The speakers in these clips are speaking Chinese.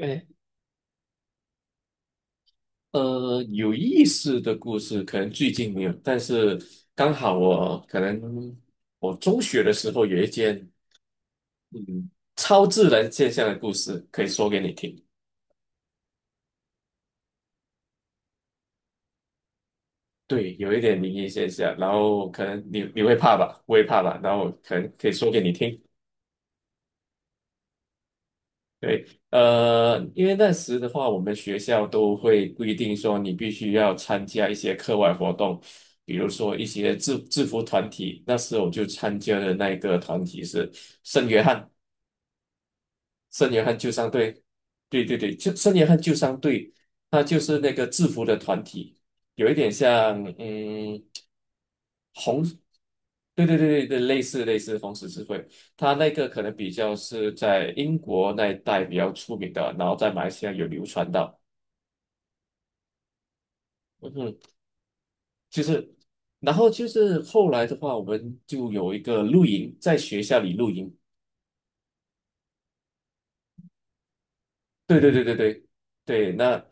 哎，有意思的故事可能最近没有，但是刚好我可能我中学的时候有一件嗯超自然现象的故事可以说给你听。对，有一点灵异现象，然后可能你会怕吧，我也怕吧，然后可能可以说给你听。对，因为那时的话，我们学校都会规定说，你必须要参加一些课外活动，比如说一些制服团体。那时候我就参加的那一个团体是圣约翰，圣约翰救伤队。对对对，就圣约翰救伤队，它就是那个制服的团体，有一点像红，对对对对对，类似红十字会。它那个可能比较是在英国那一带比较出名的，然后在马来西亚有流传到。嗯哼，就是，然后就是后来的话，我们就有一个露营，在学校里露营。对对对对对对，那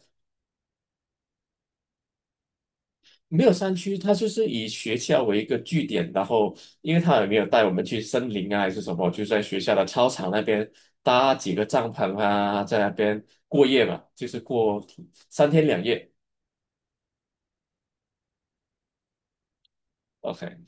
没有山区，它就是以学校为一个据点，然后因为他也没有带我们去森林啊还是什么，就在学校的操场那边搭几个帐篷啊，在那边过夜嘛，就是过三天两夜。OK，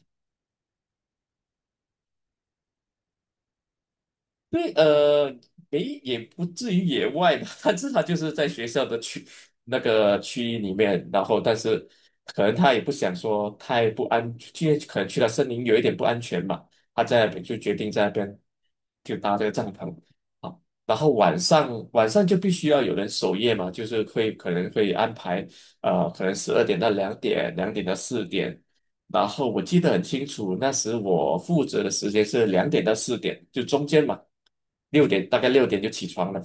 对，没也不至于野外吧，但是他至少就是在学校的区那个区域里面，然后但是可能他也不想说太不安，去可能去了森林有一点不安全嘛，他在那边就决定在那边就搭这个帐篷啊，然后晚上就必须要有人守夜嘛，就是会可能会安排可能12点到两点，两点到四点，然后我记得很清楚，那时我负责的时间是两点到四点，就中间嘛，大概六点就起床了。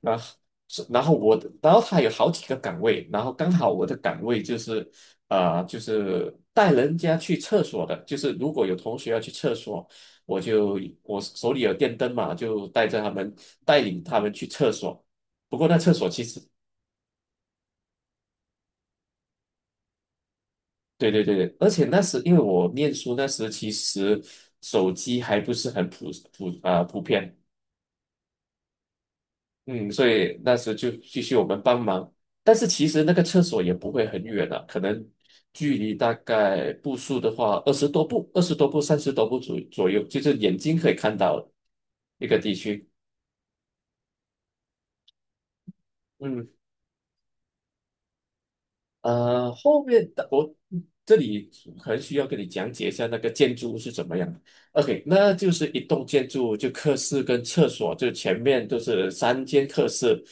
然后是然后我的，然后他有好几个岗位，然后刚好我的岗位就是，就是带人家去厕所的，就是如果有同学要去厕所，我手里有电灯嘛，就带着他们带领他们去厕所。不过那厕所其实对对对对，而且那时因为我念书那时其实手机还不是很普遍，嗯，所以那时就继续我们帮忙，但是其实那个厕所也不会很远啊，可能距离大概步数的话二十多步、30多步左右，就是眼睛可以看到的一个地区。嗯，后面的我这里可能需要跟你讲解一下那个建筑物是怎么样的 OK，那就是一栋建筑物就客室跟厕所，就前面都是3间客室，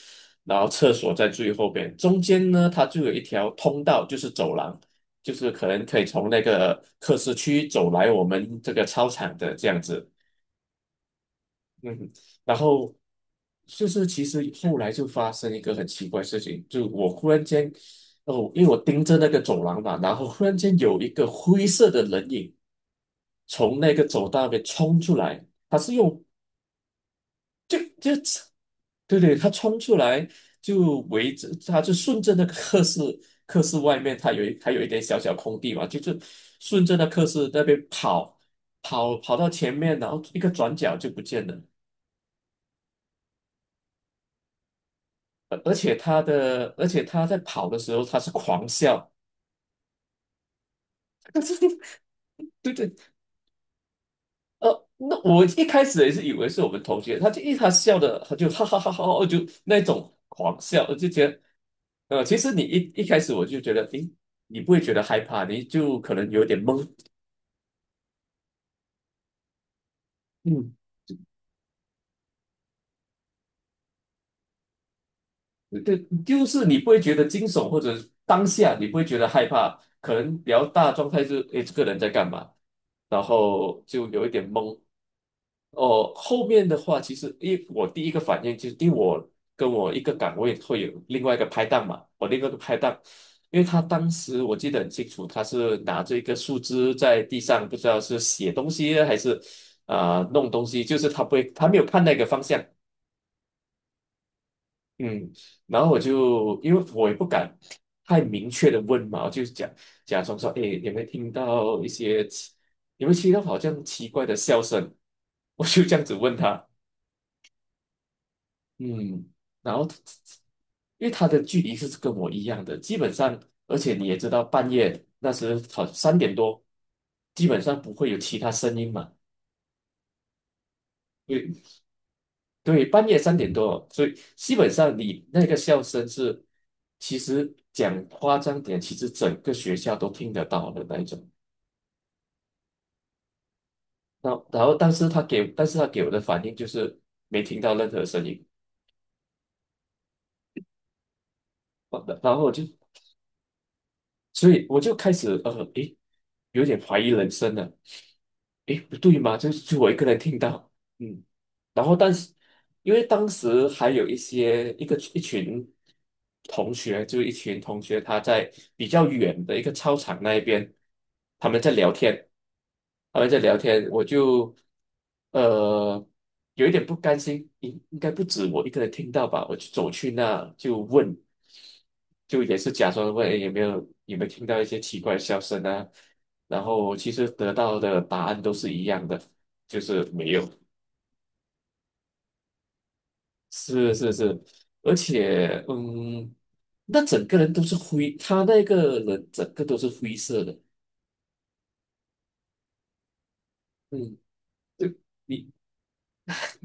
然后厕所在最后边，中间呢它就有一条通道，就是走廊，就是可能可以从那个客室区走来我们这个操场的这样子。嗯，然后就是其实后来就发生一个很奇怪的事情，就我忽然间，哦，因为我盯着那个走廊嘛，然后忽然间有一个灰色的人影从那个走道那边冲出来，他是用就就对对，他冲出来就围着，他就顺着那个课室，课室外面他还有一点小小空地嘛，就是顺着那课室那边跑，跑到前面，然后一个转角就不见了。而且他的，而且他在跑的时候，他是狂笑，对对，那我一开始也是以为是我们同学，他笑的，他就哈哈哈哈哈，就那种狂笑，我就觉得，其实你一开始我就觉得，诶，你不会觉得害怕，你就可能有点懵，嗯。对，就是你不会觉得惊悚，或者当下你不会觉得害怕，可能比较大的状态就是，诶，这个人在干嘛？然后就有一点懵。哦，后面的话，其实因为我第一个反应就是，因为我跟我一个岗位会有另外一个拍档嘛，我另外一个拍档，因为他当时我记得很清楚，他是拿着一个树枝在地上，不知道是写东西还是弄东西，就是他不会，他没有看那个方向。嗯，然后我就因为我也不敢太明确的问嘛，我就假装说，哎，有没有听到好像奇怪的笑声？我就这样子问他，嗯，然后他因为他的距离是跟我一样的，基本上，而且你也知道，半夜那时好三点多，基本上不会有其他声音嘛。对，半夜三点多，所以基本上你那个笑声是，其实讲夸张点，其实整个学校都听得到的那一种。那然后，但是他给我的反应就是没听到任何声音，然后我就，所以我就开始诶，有点怀疑人生了，诶，不对吗？就是就我一个人听到，嗯。然后但是因为当时还有一群同学，就一群同学他在比较远的一个操场那一边，他们在聊天，他们在聊天，我就呃有一点不甘心，应该不止我一个人听到吧，我就走去那就问。就也是假装问诶有没有听到一些奇怪的笑声啊，然后其实得到的答案都是一样的，就是没有。是是是，而且嗯，那整个人都是灰，他那个人整个都是灰色的，嗯，就你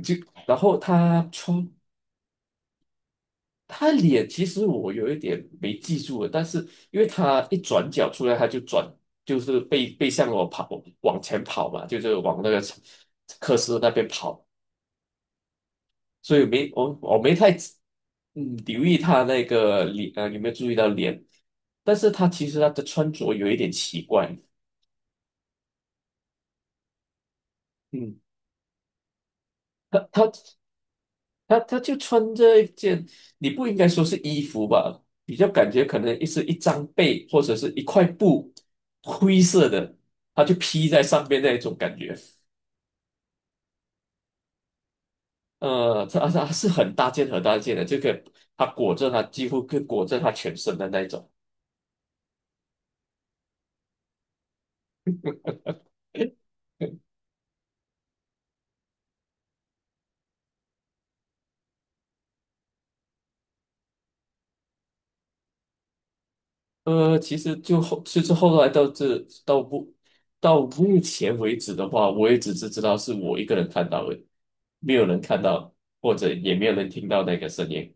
就然后他从，其实我有一点没记住了，但是因为他一转角出来，他就转，就是背向我跑，往前跑嘛，就是往那个科斯那边跑，所以没我我没太留意他那个脸啊，有没有注意到脸？但是他其实他的穿着有一点奇怪，嗯，他他他就穿着一件，你不应该说是衣服吧，比较感觉可能是一张被或者是一块布，灰色的，他就披在上面那一种感觉。他它是很大件很大件的，这个他裹着他几乎可以裹着他全身的那一种。其实其实后来到目到目前为止的话，我也只是知道是我一个人看到的，没有人看到，或者也没有人听到那个声音。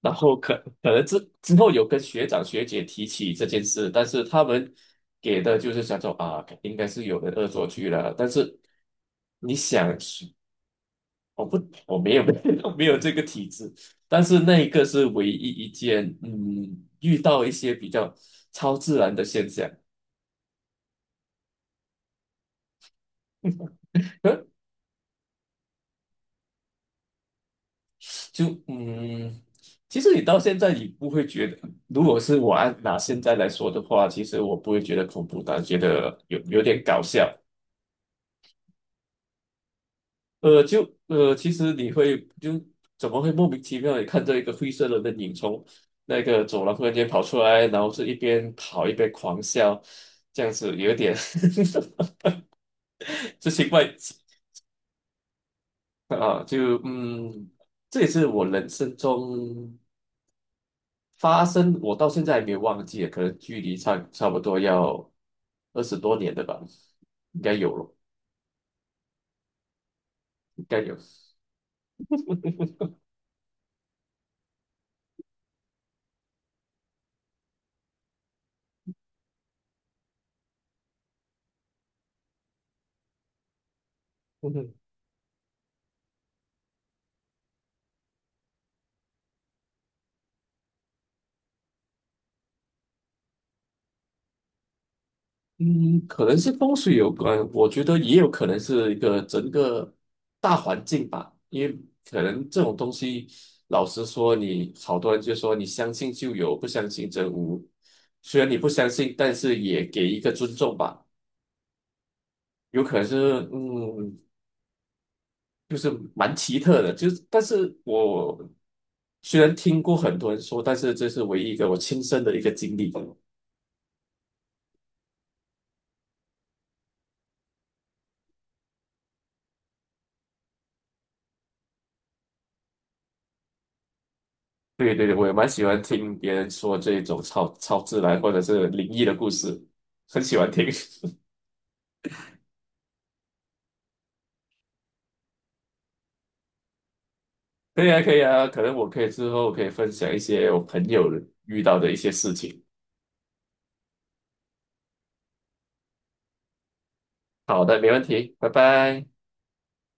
然后可能之后有跟学长学姐提起这件事，但是他们给的就是想说啊，应该是有人恶作剧了。但是你想，我不，我没有 没有这个体质，但是那一个是唯一一件，嗯，遇到一些比较超自然的现象，呃，就嗯，其实你到现在你不会觉得，如果是我按拿现在来说的话，其实我不会觉得恐怖但觉得有点搞笑，其实你会就怎么会莫名其妙地看到一个灰色的人影从那个走廊忽然间跑出来，然后是一边跑一边狂笑，这样子有一点 这奇怪 啊，这也是我人生中我到现在还没有忘记啊，可能距离差不多要20多年的吧，应该有了，应该有。嗯，可能是风水有关，我觉得也有可能是一个整个大环境吧，因为可能这种东西，老实说你，好多人就说你相信就有，不相信则无。虽然你不相信，但是也给一个尊重吧。有可能是，嗯，就是蛮奇特的，就是，但是我虽然听过很多人说，但是这是唯一一个我亲身的一个经历。对对对，我也蛮喜欢听别人说这种超自然或者是灵异的故事，很喜欢听。可以啊，可以啊，可能我可以之后可以分享一些我朋友遇到的一些事情。好的，没问题，拜拜。